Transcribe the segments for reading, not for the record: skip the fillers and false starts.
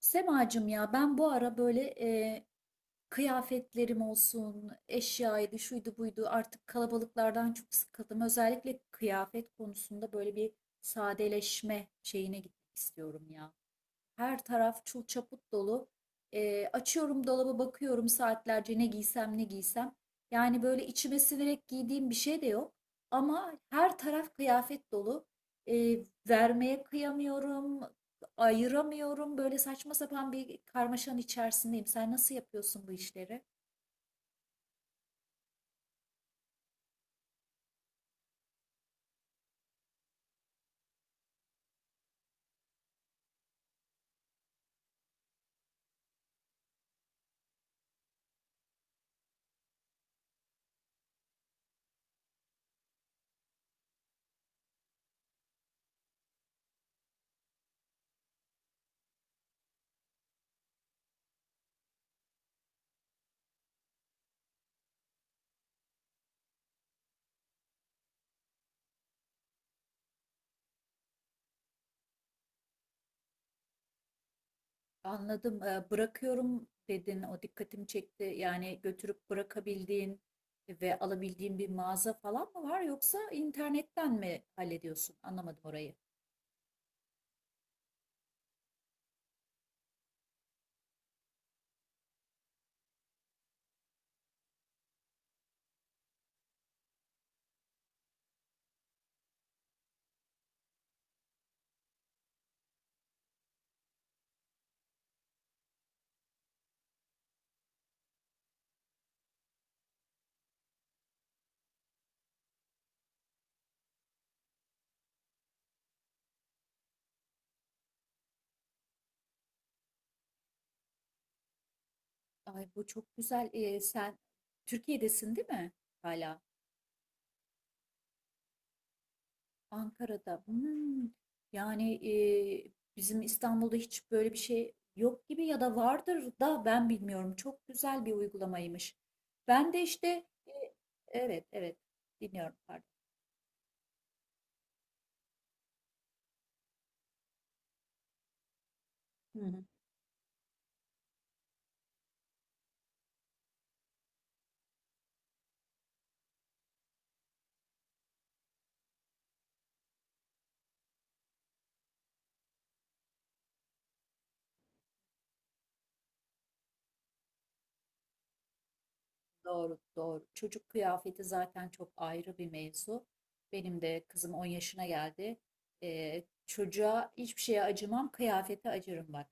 Semacım ya ben bu ara böyle kıyafetlerim olsun, eşyaydı, şuydu buydu artık kalabalıklardan çok sıkıldım. Özellikle kıyafet konusunda böyle bir sadeleşme şeyine gitmek istiyorum ya. Her taraf çul çaput dolu. Açıyorum dolabı bakıyorum saatlerce ne giysem ne giysem. Yani böyle içime siverek giydiğim bir şey de yok. Ama her taraf kıyafet dolu. Vermeye kıyamıyorum, ayıramıyorum. Böyle saçma sapan bir karmaşanın içerisindeyim. Sen nasıl yapıyorsun bu işleri? Anladım. Bırakıyorum dedin. O dikkatimi çekti. Yani götürüp bırakabildiğin ve alabildiğin bir mağaza falan mı var yoksa internetten mi hallediyorsun? Anlamadım orayı. Ay bu çok güzel. Sen Türkiye'desin değil mi? Hala Ankara'da. Hmm. Yani bizim İstanbul'da hiç böyle bir şey yok gibi ya da vardır da ben bilmiyorum. Çok güzel bir uygulamaymış. Ben de işte e, evet, evet, dinliyorum, pardon. Doğru, doğru. Çocuk kıyafeti zaten çok ayrı bir mevzu. Benim de kızım 10 yaşına geldi. Çocuğa hiçbir şeye acımam, kıyafete acırım bak.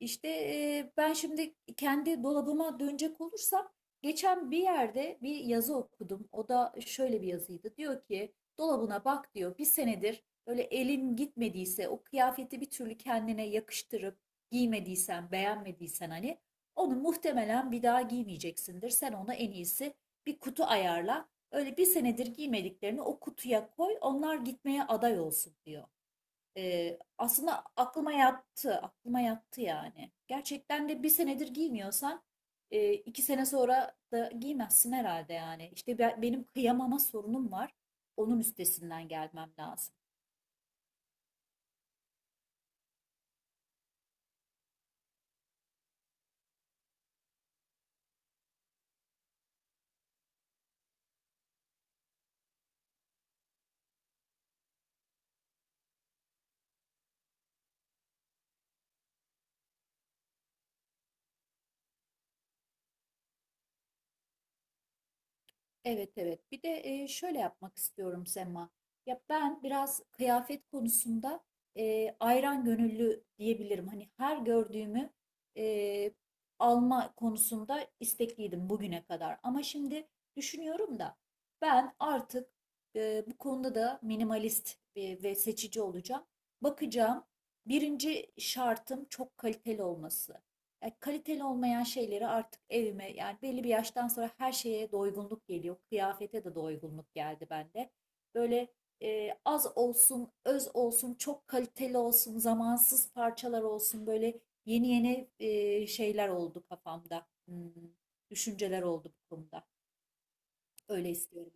İşte ben şimdi kendi dolabıma dönecek olursam, geçen bir yerde bir yazı okudum. O da şöyle bir yazıydı. Diyor ki, dolabına bak diyor, bir senedir böyle elin gitmediyse, o kıyafeti bir türlü kendine yakıştırıp giymediysen, beğenmediysen hani onu muhtemelen bir daha giymeyeceksindir. Sen ona en iyisi bir kutu ayarla. Öyle bir senedir giymediklerini o kutuya koy. Onlar gitmeye aday olsun diyor. Aslında aklıma yattı. Aklıma yattı yani. Gerçekten de bir senedir giymiyorsan 2 sene sonra da giymezsin herhalde yani. İşte benim kıyamama sorunum var. Onun üstesinden gelmem lazım. Evet, evet. Bir de şöyle yapmak istiyorum Sema. Ya ben biraz kıyafet konusunda ayran gönüllü diyebilirim. Hani her gördüğümü e, alma konusunda istekliydim bugüne kadar. Ama şimdi düşünüyorum da ben artık bu konuda da minimalist ve seçici olacağım. Bakacağım. Birinci şartım çok kaliteli olması. Kaliteli olmayan şeyleri artık evime yani belli bir yaştan sonra her şeye doygunluk geliyor. Kıyafete de doygunluk geldi bende. Böyle az olsun, öz olsun, çok kaliteli olsun, zamansız parçalar olsun böyle yeni yeni şeyler oldu kafamda. Düşünceler oldu bu konuda. Öyle istiyorum.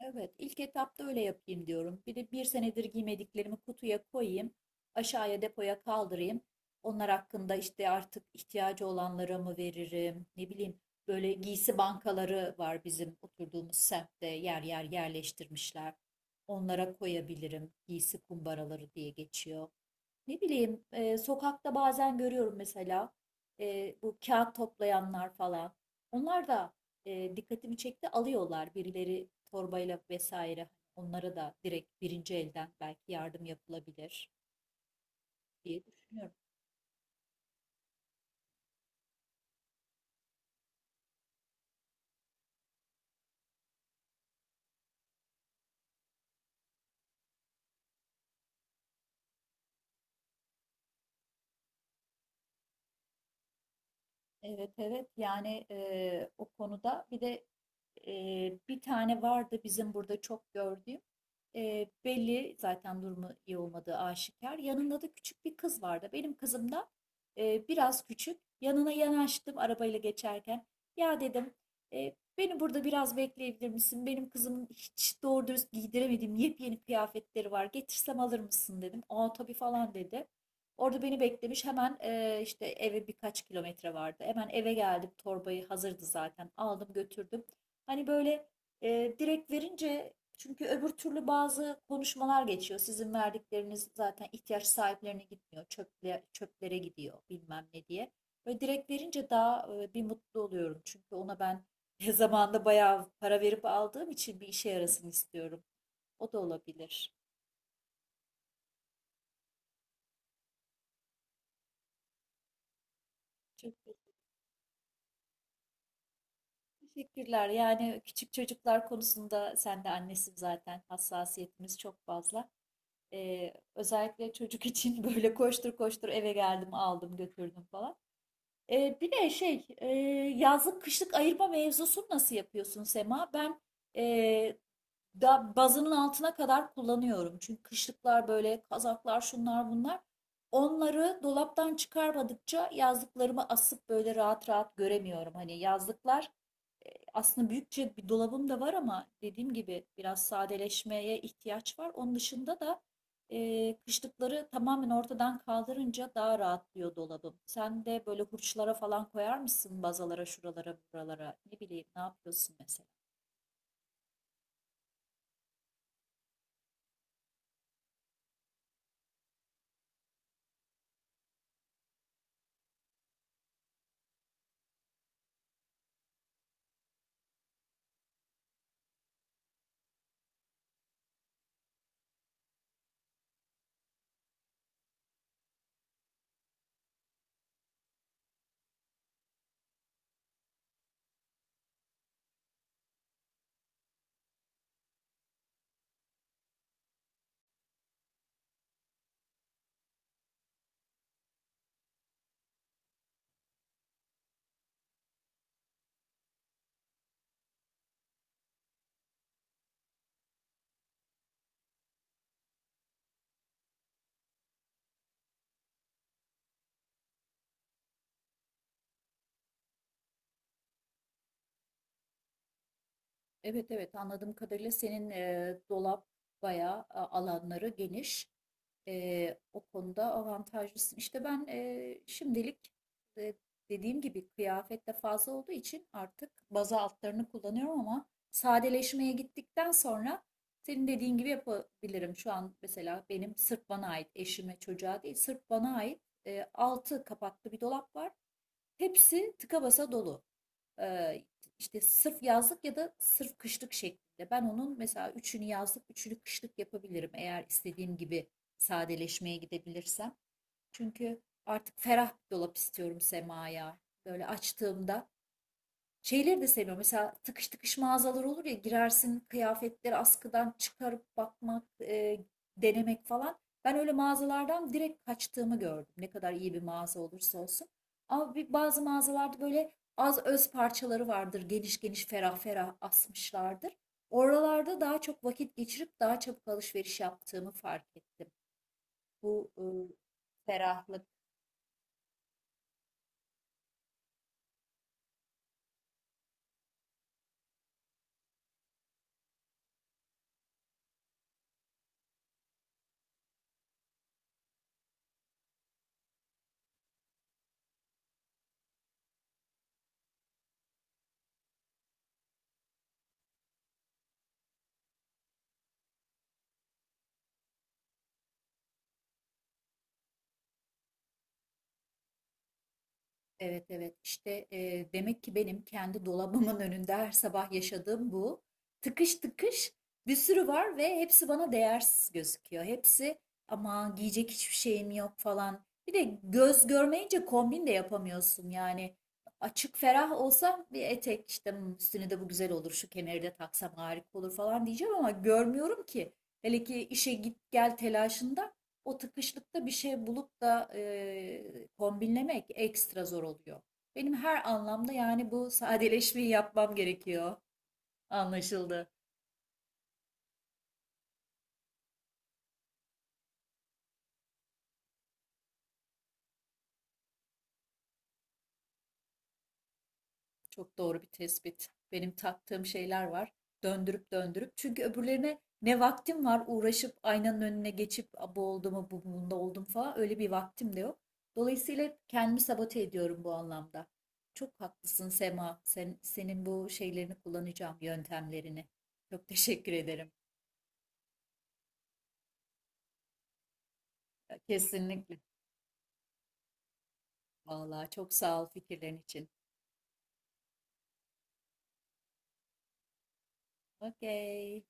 Evet, ilk etapta öyle yapayım diyorum. Bir de bir senedir giymediklerimi kutuya koyayım, aşağıya depoya kaldırayım. Onlar hakkında işte artık ihtiyacı olanlara mı veririm, ne bileyim. Böyle giysi bankaları var bizim oturduğumuz semtte yer yer yerleştirmişler. Onlara koyabilirim. Giysi kumbaraları diye geçiyor. Ne bileyim sokakta bazen görüyorum mesela bu kağıt toplayanlar falan. Onlar da dikkatimi çekti alıyorlar birileri torbayla vesaire. Onlara da direkt birinci elden belki yardım yapılabilir diye düşünüyorum. Evet, evet yani o konuda bir de e, bir tane vardı bizim burada çok gördüğüm. Belli zaten durumu iyi olmadığı aşikar, yanında da küçük bir kız vardı, benim kızım da biraz küçük. Yanına yanaştım arabayla geçerken, ya dedim, Beni burada biraz bekleyebilir misin, benim kızımın hiç doğru dürüst giydiremediğim yepyeni kıyafetleri var, getirsem alır mısın?" dedim. "Aa tabii" falan dedi. Orada beni beklemiş. Hemen işte eve birkaç kilometre vardı. Hemen eve geldim. Torbayı hazırdı zaten. Aldım götürdüm. Hani böyle direkt verince çünkü öbür türlü bazı konuşmalar geçiyor. Sizin verdikleriniz zaten ihtiyaç sahiplerine gitmiyor. Çöple, çöplere gidiyor bilmem ne diye. Böyle direkt verince daha bir mutlu oluyorum. Çünkü ona ben zamanında bayağı para verip aldığım için bir işe yarasın istiyorum. O da olabilir. Çünkü. Teşekkürler. Yani küçük çocuklar konusunda sen de annesin zaten. Hassasiyetimiz çok fazla. Özellikle çocuk için böyle koştur koştur eve geldim, aldım, götürdüm falan. Bir de şey, yazlık kışlık ayırma mevzusunu nasıl yapıyorsun Sema? Ben e, da bazının altına kadar kullanıyorum. Çünkü kışlıklar böyle kazaklar şunlar bunlar. Onları dolaptan çıkarmadıkça yazlıklarımı asıp böyle rahat rahat göremiyorum. Hani yazlıklar aslında büyükçe bir dolabım da var ama dediğim gibi biraz sadeleşmeye ihtiyaç var. Onun dışında da kışlıkları tamamen ortadan kaldırınca daha rahatlıyor dolabım. Sen de böyle hurçlara falan koyar mısın bazalara, şuralara, buralara? Ne bileyim, ne yapıyorsun mesela? Evet, evet anladığım kadarıyla senin dolap bayağı alanları geniş. O konuda avantajlısın. İşte ben şimdilik e, dediğim gibi kıyafet de fazla olduğu için artık baza altlarını kullanıyorum ama sadeleşmeye gittikten sonra senin dediğin gibi yapabilirim. Şu an mesela benim sırf bana ait, eşime, çocuğa değil, sırf bana ait altı kapaklı bir dolap var. Hepsi tıka basa dolu. Ee, işte sırf yazlık ya da sırf kışlık şeklinde. Ben onun mesela üçünü yazlık, üçünü kışlık yapabilirim eğer istediğim gibi sadeleşmeye gidebilirsem. Çünkü artık ferah bir dolap istiyorum Sema'ya. Böyle açtığımda şeyleri de seviyorum. Mesela tıkış tıkış mağazalar olur ya, girersin kıyafetleri askıdan çıkarıp bakmak, denemek falan. Ben öyle mağazalardan direkt kaçtığımı gördüm. Ne kadar iyi bir mağaza olursa olsun. Ama bir, bazı mağazalarda böyle az öz parçaları vardır. Geniş geniş ferah ferah asmışlardır. Oralarda daha çok vakit geçirip daha çabuk alışveriş yaptığımı fark ettim. Bu ferahlık. Evet, evet işte demek ki benim kendi dolabımın önünde her sabah yaşadığım bu tıkış tıkış bir sürü var ve hepsi bana değersiz gözüküyor. Hepsi ama giyecek hiçbir şeyim yok falan. Bir de göz görmeyince kombin de yapamıyorsun yani. Açık ferah olsam bir etek işte, "Hmm, üstüne de bu güzel olur, şu kemeri de taksam harika olur" falan diyeceğim ama görmüyorum ki. Hele ki işe git gel telaşında o tıkışlıkta bir şey bulup da kombinlemek ekstra zor oluyor. Benim her anlamda yani bu sadeleşmeyi yapmam gerekiyor. Anlaşıldı. Çok doğru bir tespit. Benim taktığım şeyler var. Döndürüp döndürüp. Çünkü öbürlerine ne vaktim var uğraşıp aynanın önüne geçip bu oldu mu, bu bunda oldum falan, öyle bir vaktim de yok. Dolayısıyla hep kendimi sabote ediyorum bu anlamda. Çok haklısın Sema. Sen, senin bu şeylerini kullanacağım, yöntemlerini. Çok teşekkür ederim. Kesinlikle. Vallahi çok sağ ol fikirlerin için. Okey.